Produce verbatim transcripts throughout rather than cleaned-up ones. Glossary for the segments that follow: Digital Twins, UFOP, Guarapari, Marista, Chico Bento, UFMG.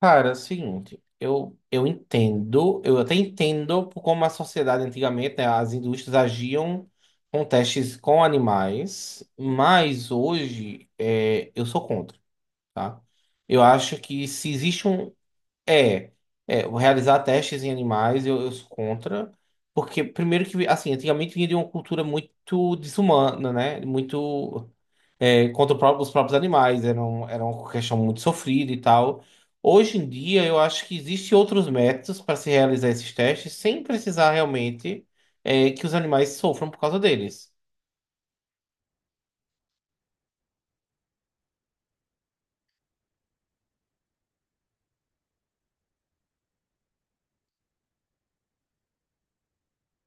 Cara, é o seguinte, eu, eu entendo, eu até entendo por como a sociedade antigamente, né, as indústrias agiam com testes com animais, mas hoje é, eu sou contra, tá? Eu acho que se existe um. É, é realizar testes em animais, eu, eu sou contra, porque, primeiro, que, assim, antigamente vinha de uma cultura muito desumana, né? Muito é, contra o pró- os próprios animais. Era, um- era uma questão muito sofrida e tal. Hoje em dia, eu acho que existem outros métodos para se realizar esses testes sem precisar realmente é, que os animais sofram por causa deles.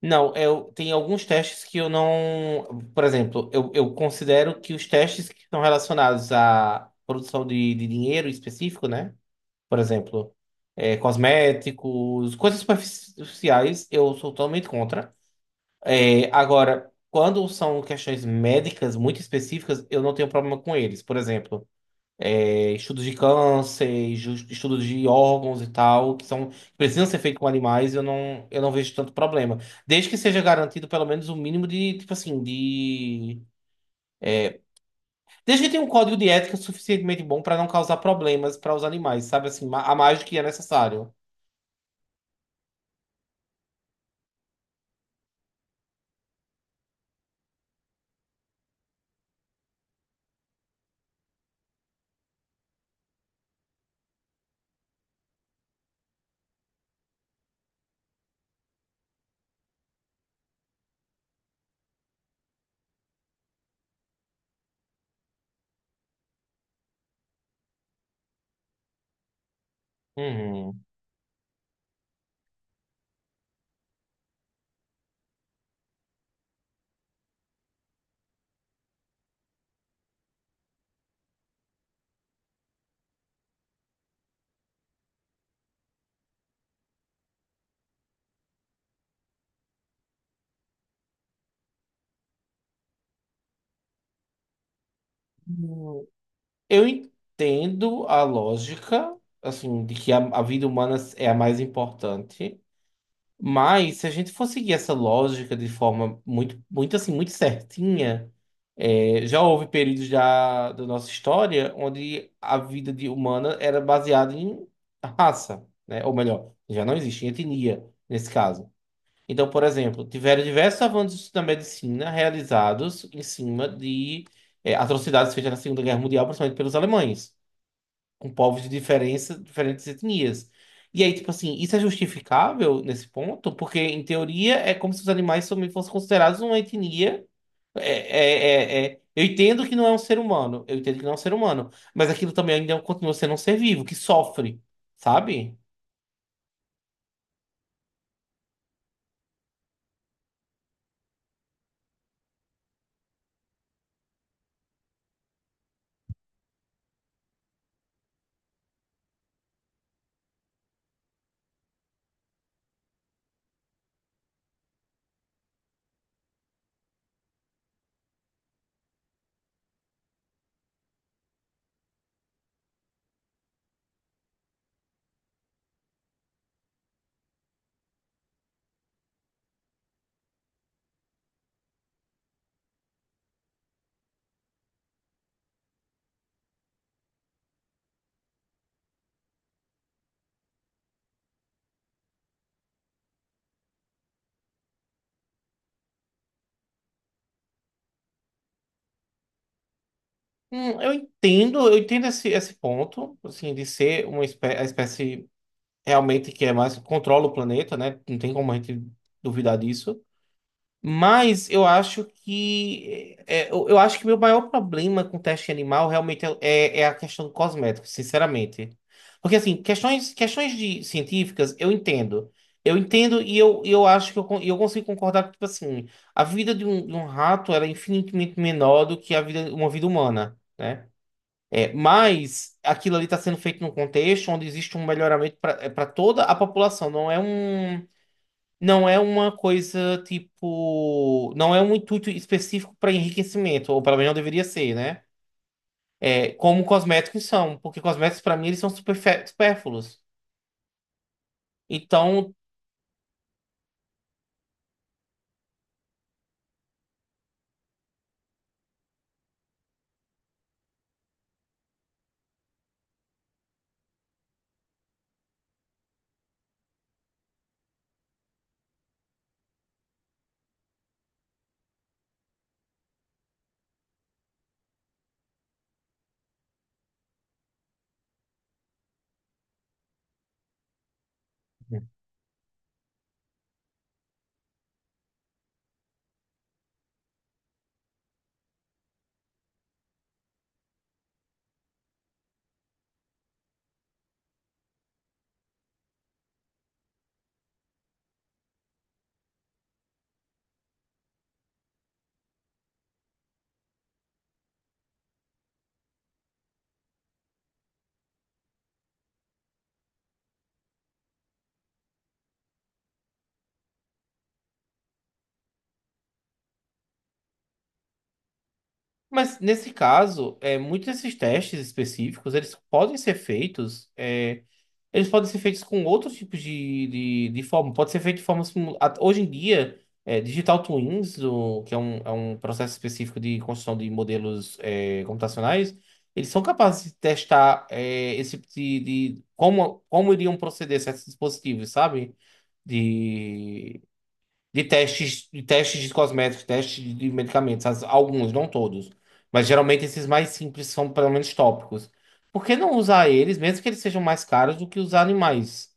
Não, eu, tem alguns testes que eu não. Por exemplo, eu, eu considero que os testes que estão relacionados à produção de, de dinheiro específico, né? Por exemplo, é, cosméticos, coisas superficiais, eu sou totalmente contra. É, agora, quando são questões médicas muito específicas, eu não tenho problema com eles. Por exemplo, é, estudos de câncer, ju- estudos de órgãos e tal, que são, que precisam ser feitos com animais, eu não, eu não vejo tanto problema. Desde que seja garantido pelo menos o mínimo de, tipo assim, de. Desde que tenha um código de ética suficientemente bom para não causar problemas para os animais, sabe assim, ma- a mais do que é necessário. Uhum. Eu entendo a lógica, assim, de que a, a vida humana é a mais importante, mas se a gente for seguir essa lógica de forma muito, muito assim, muito certinha, é, já houve períodos da, da nossa história onde a vida de humana era baseada em raça, né? Ou melhor, já não existe em etnia nesse caso. Então, por exemplo, tiveram diversos avanços na medicina realizados em cima de, é, atrocidades feitas na Segunda Guerra Mundial, principalmente pelos alemães com povos de diferença, diferentes etnias. E aí, tipo assim, isso é justificável nesse ponto? Porque, em teoria, é como se os animais também fossem considerados uma etnia. É, é, é, é. Eu entendo que não é um ser humano, eu entendo que não é um ser humano, mas aquilo também ainda continua sendo um ser vivo, que sofre, sabe? Hum, eu entendo, eu entendo esse, esse ponto, assim, de ser uma espé a espécie realmente que é mais, controla o planeta, né? Não tem como a gente duvidar disso. Mas eu acho que é, é, eu, eu acho que meu maior problema com teste animal realmente é, é- é a questão do cosmético, sinceramente. Porque assim, questões, questões de científicas eu entendo. Eu entendo e eu, eu acho que eu, con- eu consigo concordar que, tipo assim, a vida de um, de um rato era infinitamente menor do que a vida, uma vida humana, né? É, mas aquilo ali está sendo feito num contexto onde existe um melhoramento para toda a população, não é um. Não é uma coisa tipo. Não é um intuito específico para enriquecimento, ou pelo menos não deveria ser, né? É, como cosméticos são, porque cosméticos, para mim, eles são superfe- supérfluos. Então, mas nesse caso, é, muitos desses testes específicos, eles podem ser feitos. é, Eles podem ser feitos com outros tipos de, de, de forma. Pode ser feito de forma. simu- Hoje em dia, é, Digital Twins, o- que é um, é um processo específico de construção de modelos é, computacionais, eles são capazes de testar é, esse tipo de, de- como, como iriam proceder certos dispositivos, sabe? De de testes, de testes de cosméticos, testes de de medicamentos, as- alguns, não todos. Mas geralmente esses mais simples são pelo menos tópicos. Por que não usar eles, mesmo que eles sejam mais caros do que os animais?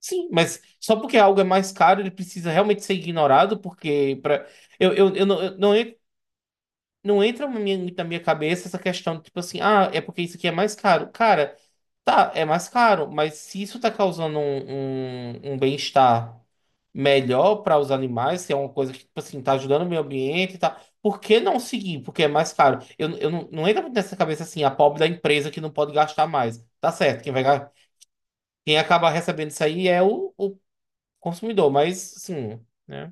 Sim, mas só porque algo é mais caro, ele precisa realmente ser ignorado, porque pra... eu, eu, eu, não, eu não ia Não entra na minha, na minha cabeça essa questão de, tipo assim, ah, é porque isso aqui é mais caro. Cara, tá, é mais caro, mas se isso tá causando um, um, um bem-estar melhor para os animais, se é uma coisa que, tipo assim, tá ajudando o meio ambiente e tal, por que não seguir? Porque é mais caro. Eu, eu não, não entra muito nessa cabeça assim, a pobre da empresa que não pode gastar mais. Tá certo, quem vai, ga- quem acaba recebendo isso aí é o, o consumidor, mas, assim, né?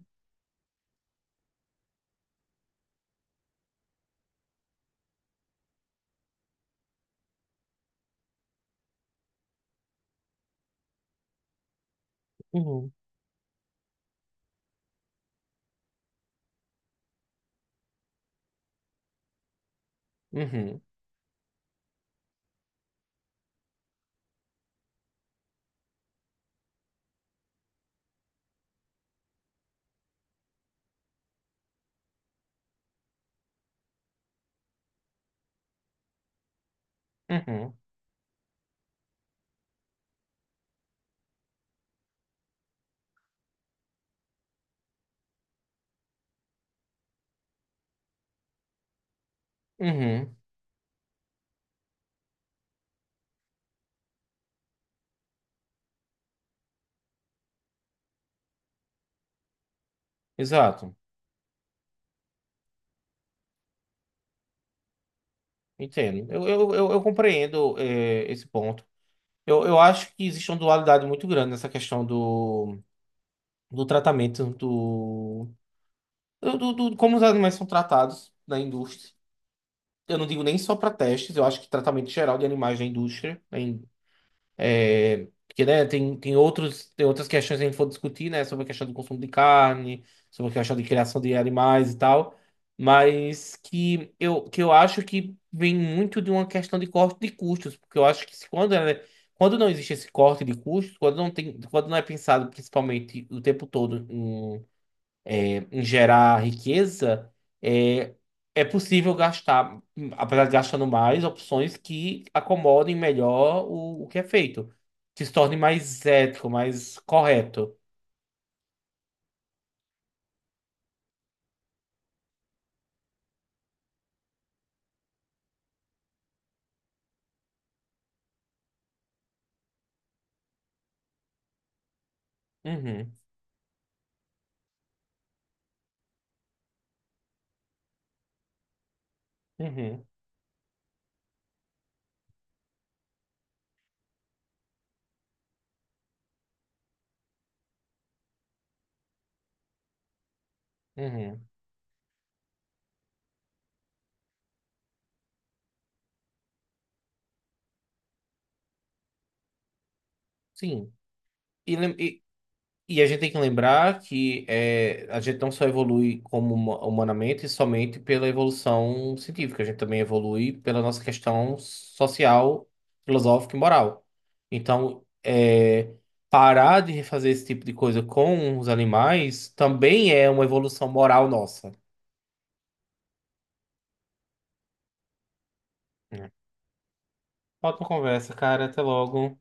Uhum, uhum, uhum, uhum, exato. Entendo. Eu, eu, eu, eu compreendo eh, esse ponto. Eu, eu acho que existe uma dualidade muito grande nessa questão do, do tratamento do, do, do- do- como os animais são tratados na indústria. Eu não digo nem só para testes, eu acho que tratamento geral de animais na indústria. É, porque, né, tem, tem outros, tem outras questões que a gente for discutir, né, sobre a questão do consumo de carne, sobre a questão de criação de animais e tal, mas que eu, que eu acho que vem muito de uma questão de corte de custos, porque eu acho que se quando, ela- quando não existe esse corte de custos, quando não tem, quando não é pensado principalmente o tempo todo em gerar riqueza, é, é possível gastar, apesar de gastando mais, opções que acomodem melhor o, o que é feito, que se torne mais ético, mais correto. Uhum, uhum, uhum. Sim. E, lem- e, E a gente tem que lembrar que é, a gente não só evolui como huma- humanamente somente pela evolução científica, a gente também evolui pela nossa questão social, filosófica e moral. Então, é, parar de fazer esse tipo de coisa com os animais também é uma evolução moral nossa. É. Ótima conversa, cara. Até logo.